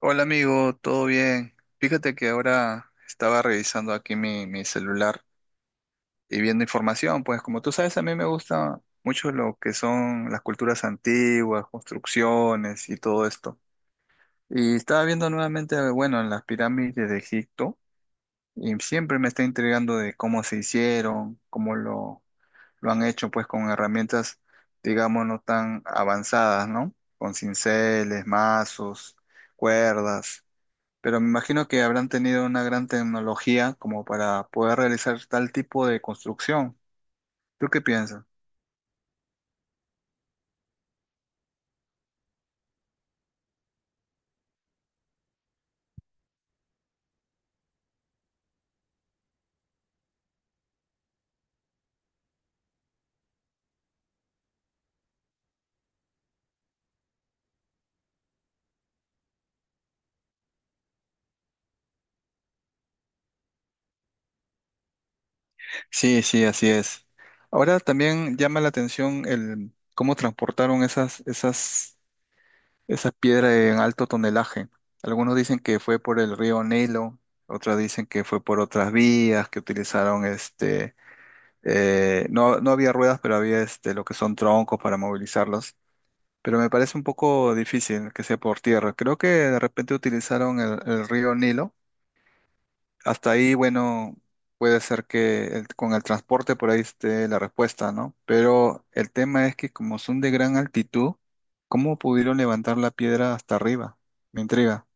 Hola amigo, ¿todo bien? Fíjate que ahora estaba revisando aquí mi celular y viendo información, pues como tú sabes, a mí me gusta mucho lo que son las culturas antiguas, construcciones y todo esto. Y estaba viendo nuevamente, bueno, en las pirámides de Egipto y siempre me está intrigando de cómo se hicieron, lo han hecho, pues con herramientas, digamos, no tan avanzadas, ¿no? Con cinceles, mazos, cuerdas. Pero me imagino que habrán tenido una gran tecnología como para poder realizar tal tipo de construcción. ¿Tú qué piensas? Sí, sí, así es. Ahora también llama la atención el cómo transportaron esas piedras en alto tonelaje. Algunos dicen que fue por el río Nilo, otros dicen que fue por otras vías que utilizaron este, no, no había ruedas, pero había este, lo que son troncos para movilizarlos. Pero me parece un poco difícil que sea por tierra. Creo que de repente utilizaron el río Nilo. Hasta ahí, bueno, puede ser que con el transporte por ahí esté la respuesta, ¿no? Pero el tema es que como son de gran altitud, ¿cómo pudieron levantar la piedra hasta arriba? Me intriga.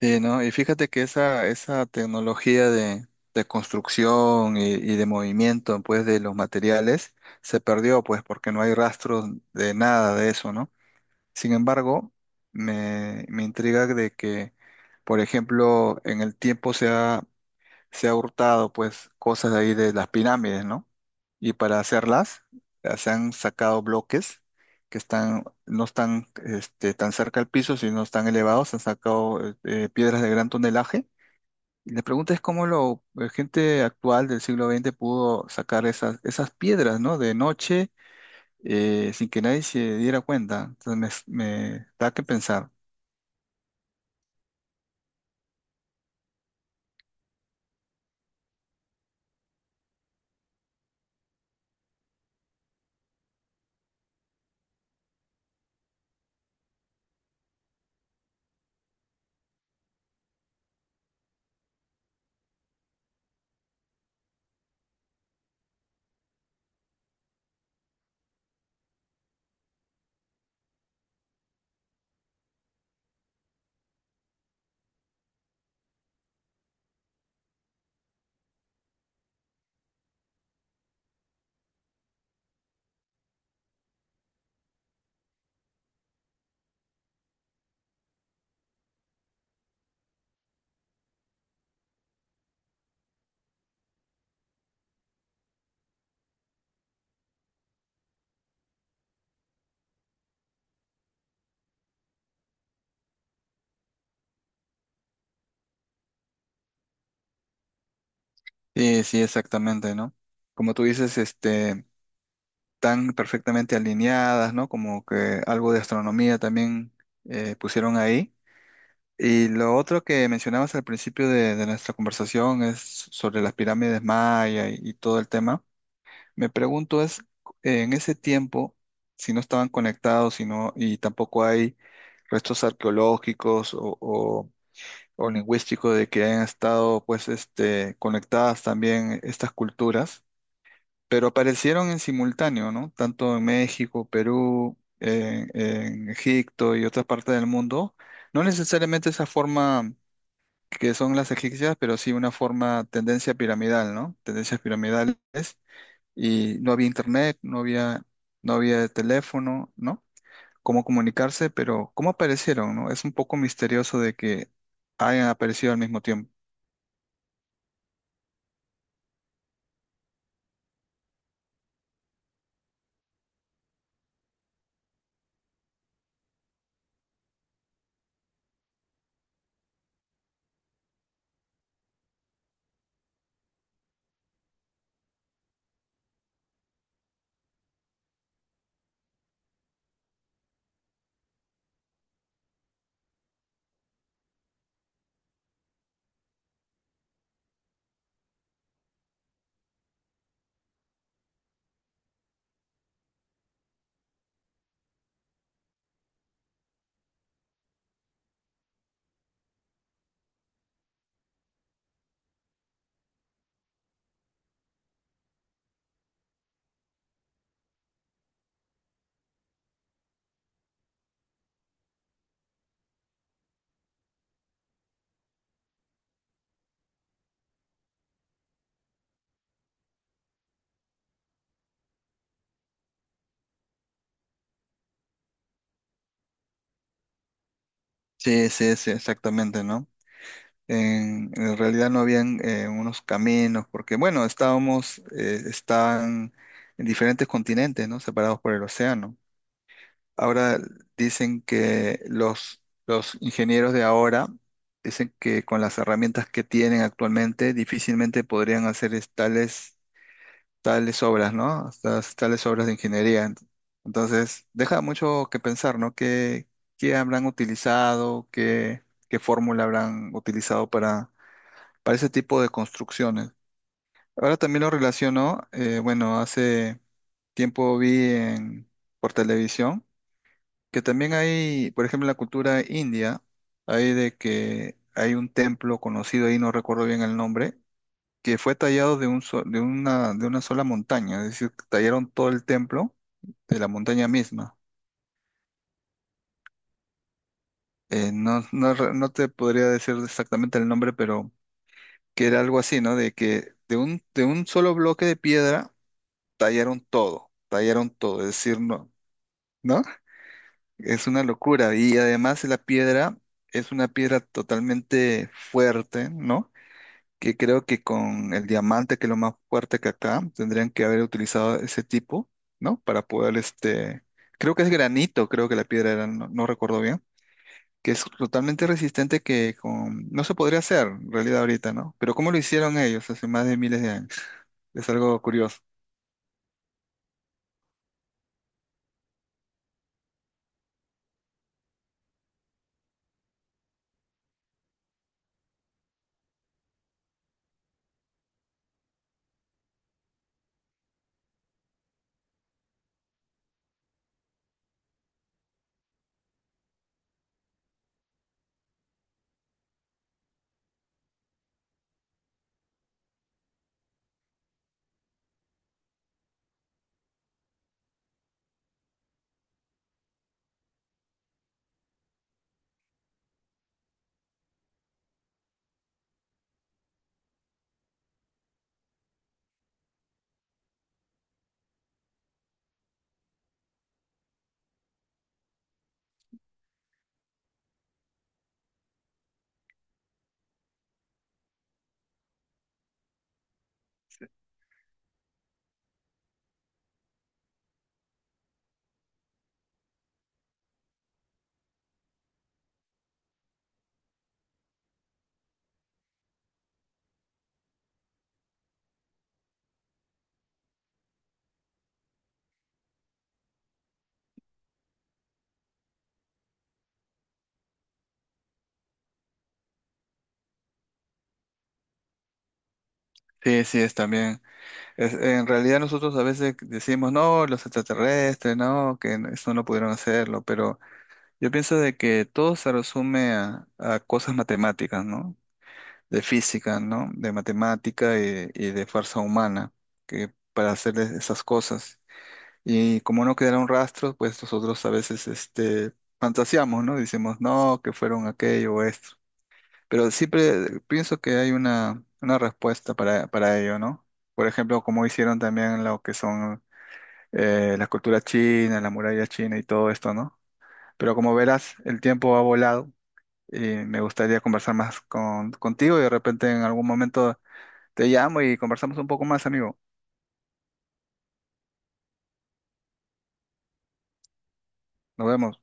Sí, ¿no? Y fíjate que esa tecnología de construcción y de movimiento, pues, de los materiales se perdió, pues, porque no hay rastros de nada de eso, ¿no? Sin embargo, me intriga de que, por ejemplo, en el tiempo se ha hurtado pues cosas de ahí de las pirámides, ¿no? Y para hacerlas, se han sacado bloques que están, no están este, tan cerca al piso, sino están elevados, se han sacado piedras de gran tonelaje. Y la pregunta es la gente actual del siglo XX pudo sacar esas piedras, ¿no? De noche sin que nadie se diera cuenta. Entonces me da que pensar. Sí, sí, exactamente, ¿no? Como tú dices, este, tan perfectamente alineadas, ¿no? Como que algo de astronomía también pusieron ahí. Y lo otro que mencionabas al principio de nuestra conversación es sobre las pirámides maya y todo el tema. Me pregunto es, en ese tiempo, si no estaban conectados, si no, y tampoco hay restos arqueológicos o lingüístico de que hayan estado pues este, conectadas también estas culturas, pero aparecieron en simultáneo, ¿no? Tanto en México, Perú, en Egipto y otras partes del mundo. No necesariamente esa forma que son las egipcias, pero sí una forma, tendencia piramidal, ¿no? Tendencias piramidales. Y no había internet, no había, no había teléfono, ¿no? Cómo comunicarse, pero cómo aparecieron, ¿no? Es un poco misterioso de que hayan aparecido al mismo tiempo. Sí, sí, sí, exactamente, ¿no? En realidad no habían unos caminos, porque bueno, estábamos, estaban en diferentes continentes, ¿no? Separados por el océano. Ahora dicen que los ingenieros de ahora dicen que con las herramientas que tienen actualmente difícilmente podrían hacer tales tales obras, ¿no? Tales obras de ingeniería. Entonces, deja mucho que pensar, ¿no? ¿Qué, qué habrán utilizado? ¿Qué, qué fórmula habrán utilizado para ese tipo de construcciones? Ahora también lo relaciono, bueno, hace tiempo vi en, por televisión que también hay, por ejemplo, en la cultura india, hay de que hay un templo conocido ahí, no recuerdo bien el nombre, que fue tallado de de una sola montaña, es decir, tallaron todo el templo de la montaña misma. No, no te podría decir exactamente el nombre, pero que era algo así, ¿no? De que de un solo bloque de piedra tallaron todo, es decir, no, ¿no? Es una locura. Y además la piedra es una piedra totalmente fuerte, ¿no? Que creo que con el diamante, que es lo más fuerte que acá, tendrían que haber utilizado ese tipo, ¿no? Para poder, este, creo que es granito, creo que la piedra era, no, no recuerdo bien, que es totalmente resistente que con, no se podría hacer en realidad ahorita, ¿no? Pero ¿cómo lo hicieron ellos hace más de miles de años? Es algo curioso. Sí, sí, es también. Es- en realidad nosotros a veces decimos, no, los extraterrestres, no, que no- eso no pudieron hacerlo, pero yo pienso de que todo se resume a cosas matemáticas, ¿no? De física, ¿no? De matemática y de fuerza humana, que para hacer esas cosas. Y como no quedaron rastros, pues nosotros a veces este, fantaseamos, ¿no? Decimos no, que fueron aquello o esto. Pero siempre pienso que hay una respuesta para ello, ¿no? Por ejemplo, como hicieron también lo que son la cultura china, la muralla china y todo esto, ¿no? Pero como verás, el tiempo ha volado y me gustaría conversar más con, contigo y de repente en algún momento te llamo y conversamos un poco más, amigo. Nos vemos.